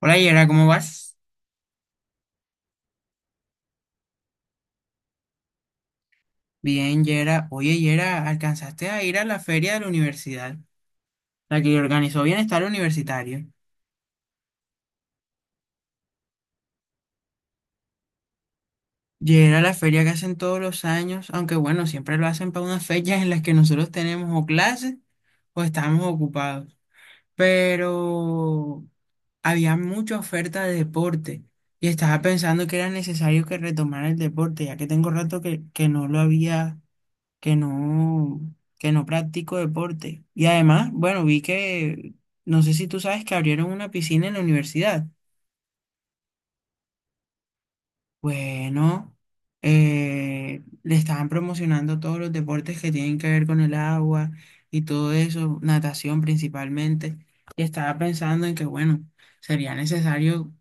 Hola Yera, ¿cómo vas? Bien, Yera. Oye, Yera, ¿alcanzaste a ir a la feria de la universidad? La que organizó Bienestar Universitario. Yera, la feria que hacen todos los años, aunque bueno, siempre lo hacen para unas fechas en las que nosotros tenemos o clases o estamos ocupados. Pero había mucha oferta de deporte y estaba pensando que era necesario que retomara el deporte, ya que tengo rato que no lo había. Que no, que no practico deporte. Y además, bueno, vi que, no sé si tú sabes que abrieron una piscina en la universidad. Bueno, le estaban promocionando todos los deportes que tienen que ver con el agua y todo eso, natación principalmente. Y estaba pensando en que, bueno, sería necesario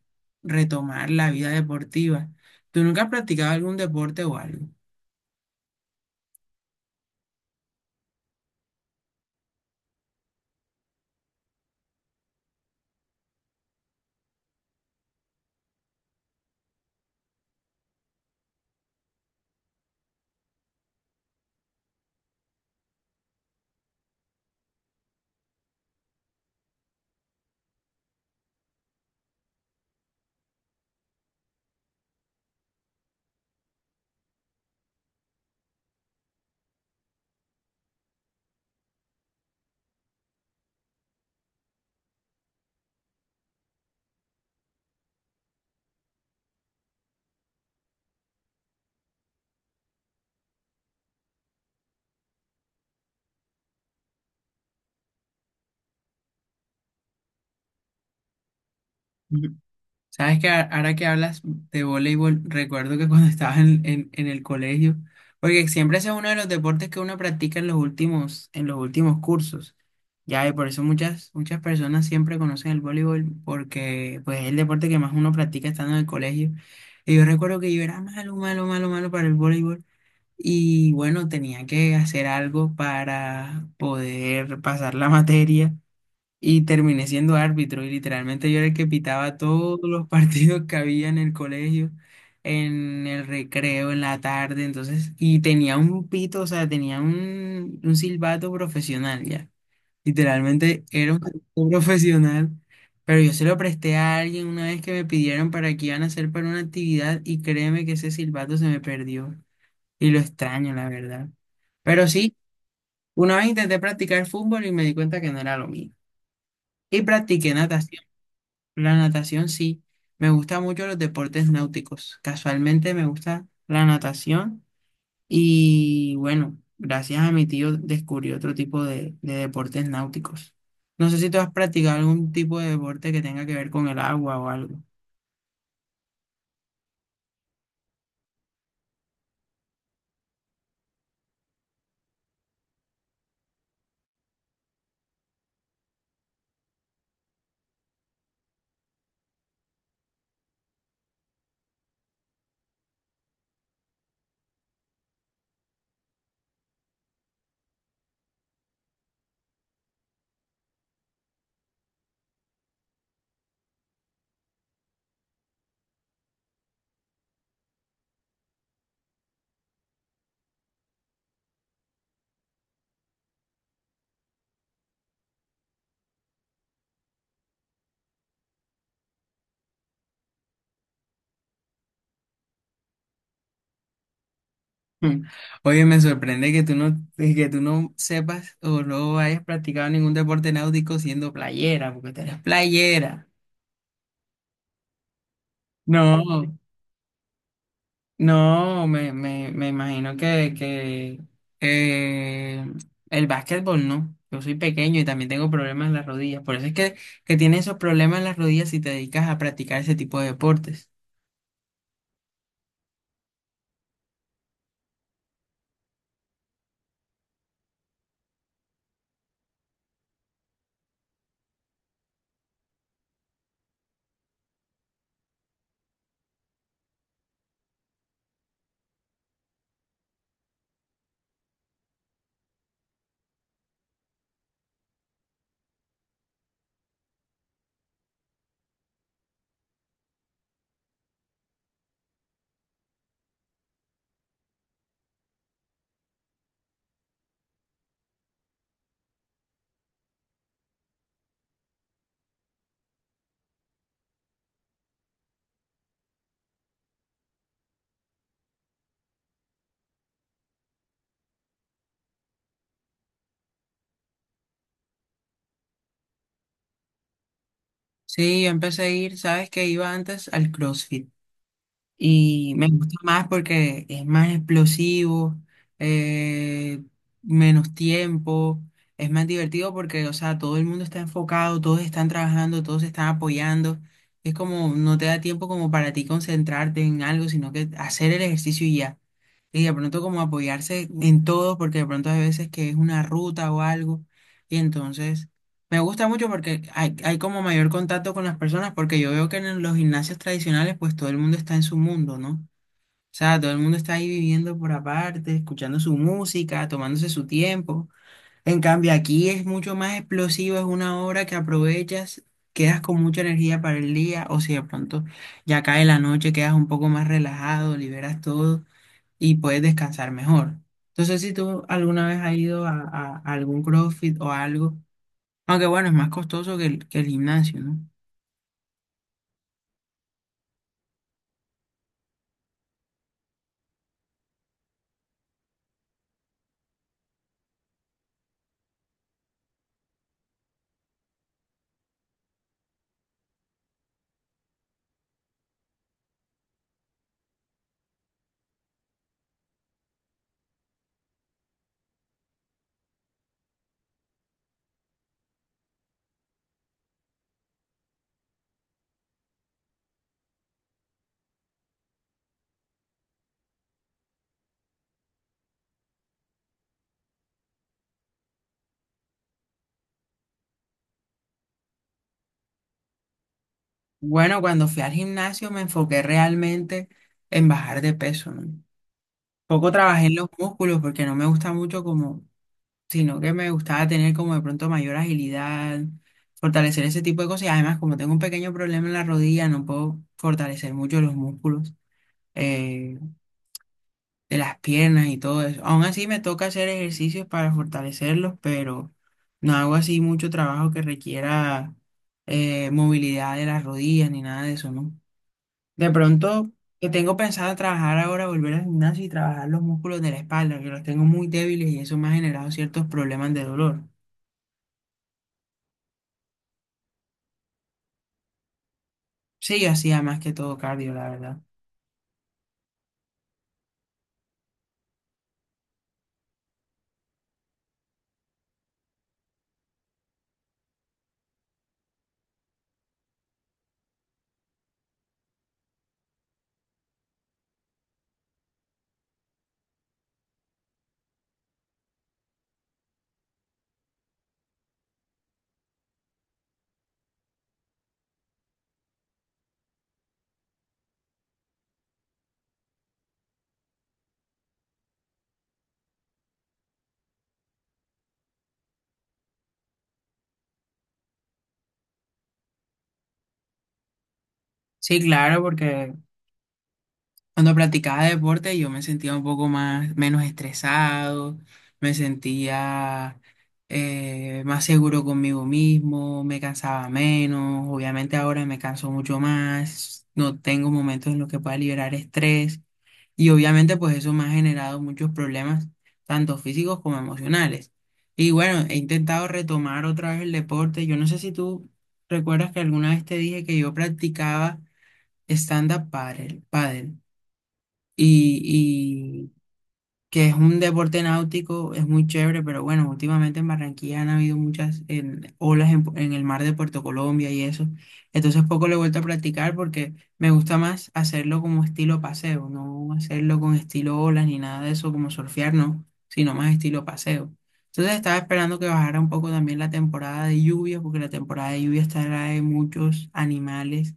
retomar la vida deportiva. ¿Tú nunca has practicado algún deporte o algo? Sabes que ahora que hablas de voleibol, recuerdo que cuando estaba en el colegio, porque siempre ese es uno de los deportes que uno practica en los últimos cursos. Ya, y por eso muchas, muchas personas siempre conocen el voleibol, porque pues es el deporte que más uno practica estando en el colegio. Y yo recuerdo que yo era malo, malo, malo, malo para el voleibol. Y bueno, tenía que hacer algo para poder pasar la materia. Y terminé siendo árbitro y literalmente yo era el que pitaba todos los partidos que había en el colegio, en el recreo, en la tarde, entonces, y tenía un pito, o sea, tenía un silbato profesional ya. Literalmente era un silbato profesional, pero yo se lo presté a alguien una vez que me pidieron para que iban a hacer para una actividad y créeme que ese silbato se me perdió y lo extraño, la verdad. Pero sí, una vez intenté practicar fútbol y me di cuenta que no era lo mío. Y practiqué natación, la natación sí. Me gusta mucho los deportes náuticos. Casualmente me gusta la natación y bueno, gracias a mi tío descubrí otro tipo de deportes náuticos. No sé si tú has practicado algún tipo de deporte que tenga que ver con el agua o algo. Mm. Oye, me sorprende que tú no sepas o no hayas practicado ningún deporte náutico siendo playera, porque tú eres playera. No. No, me imagino que eh, el básquetbol no. Yo soy pequeño y también tengo problemas en las rodillas. Por eso es que tienes esos problemas en las rodillas si te dedicas a practicar ese tipo de deportes. Sí, yo empecé a ir, sabes que iba antes al CrossFit. Y me gusta más porque es más explosivo, eh, menos tiempo, es más divertido porque, o sea, todo el mundo está enfocado, todos están trabajando, todos se están apoyando. Es como, no te da tiempo como para ti concentrarte en algo, sino que hacer el ejercicio y ya. Y de pronto como apoyarse en todo, porque de pronto hay veces que es una ruta o algo, y entonces me gusta mucho porque hay como mayor contacto con las personas, porque yo veo que en los gimnasios tradicionales pues todo el mundo está en su mundo, ¿no? O sea, todo el mundo está ahí viviendo por aparte, escuchando su música, tomándose su tiempo. En cambio, aquí es mucho más explosivo, es una hora que aprovechas, quedas con mucha energía para el día, o si de pronto ya cae la noche, quedas un poco más relajado, liberas todo y puedes descansar mejor. Entonces, si tú alguna vez has ido a algún CrossFit o algo, aunque bueno, es más costoso que que el gimnasio, ¿no? Bueno, cuando fui al gimnasio me enfoqué realmente en bajar de peso, ¿no? Poco trabajé en los músculos porque no me gusta mucho como, sino que me gustaba tener como de pronto mayor agilidad, fortalecer ese tipo de cosas. Y además, como tengo un pequeño problema en la rodilla, no puedo fortalecer mucho los músculos. Eh, de las piernas y todo eso. Aún así me toca hacer ejercicios para fortalecerlos, pero no hago así mucho trabajo que requiera movilidad de las rodillas ni nada de eso, ¿no? De pronto, que tengo pensado trabajar ahora, volver al gimnasio y trabajar los músculos de la espalda, que los tengo muy débiles y eso me ha generado ciertos problemas de dolor. Sí, yo hacía más que todo cardio, la verdad. Sí, claro, porque cuando practicaba deporte yo me sentía un poco más, menos estresado, me sentía más seguro conmigo mismo, me cansaba menos, obviamente ahora me canso mucho más, no tengo momentos en los que pueda liberar estrés y obviamente pues eso me ha generado muchos problemas, tanto físicos como emocionales. Y bueno, he intentado retomar otra vez el deporte, yo no sé si tú recuerdas que alguna vez te dije que yo practicaba stand-up paddle, paddle y, y que es un deporte náutico, es muy chévere, pero bueno, últimamente en Barranquilla han habido muchas olas en el mar de Puerto Colombia y eso. Entonces poco lo he vuelto a practicar porque me gusta más hacerlo como estilo paseo, no hacerlo con estilo olas ni nada de eso, como surfear, no, sino más estilo paseo. Entonces estaba esperando que bajara un poco también la temporada de lluvias, porque la temporada de lluvias trae muchos animales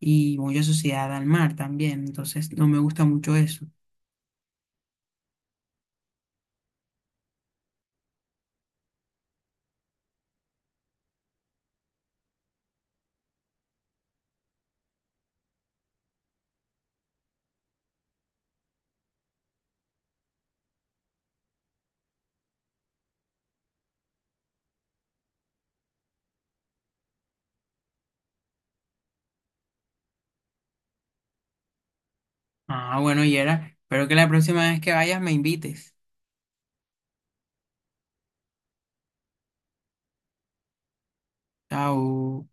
y mucha suciedad al mar también, entonces no me gusta mucho eso. Ah, bueno, Yera, espero que la próxima vez que vayas me invites. Chao.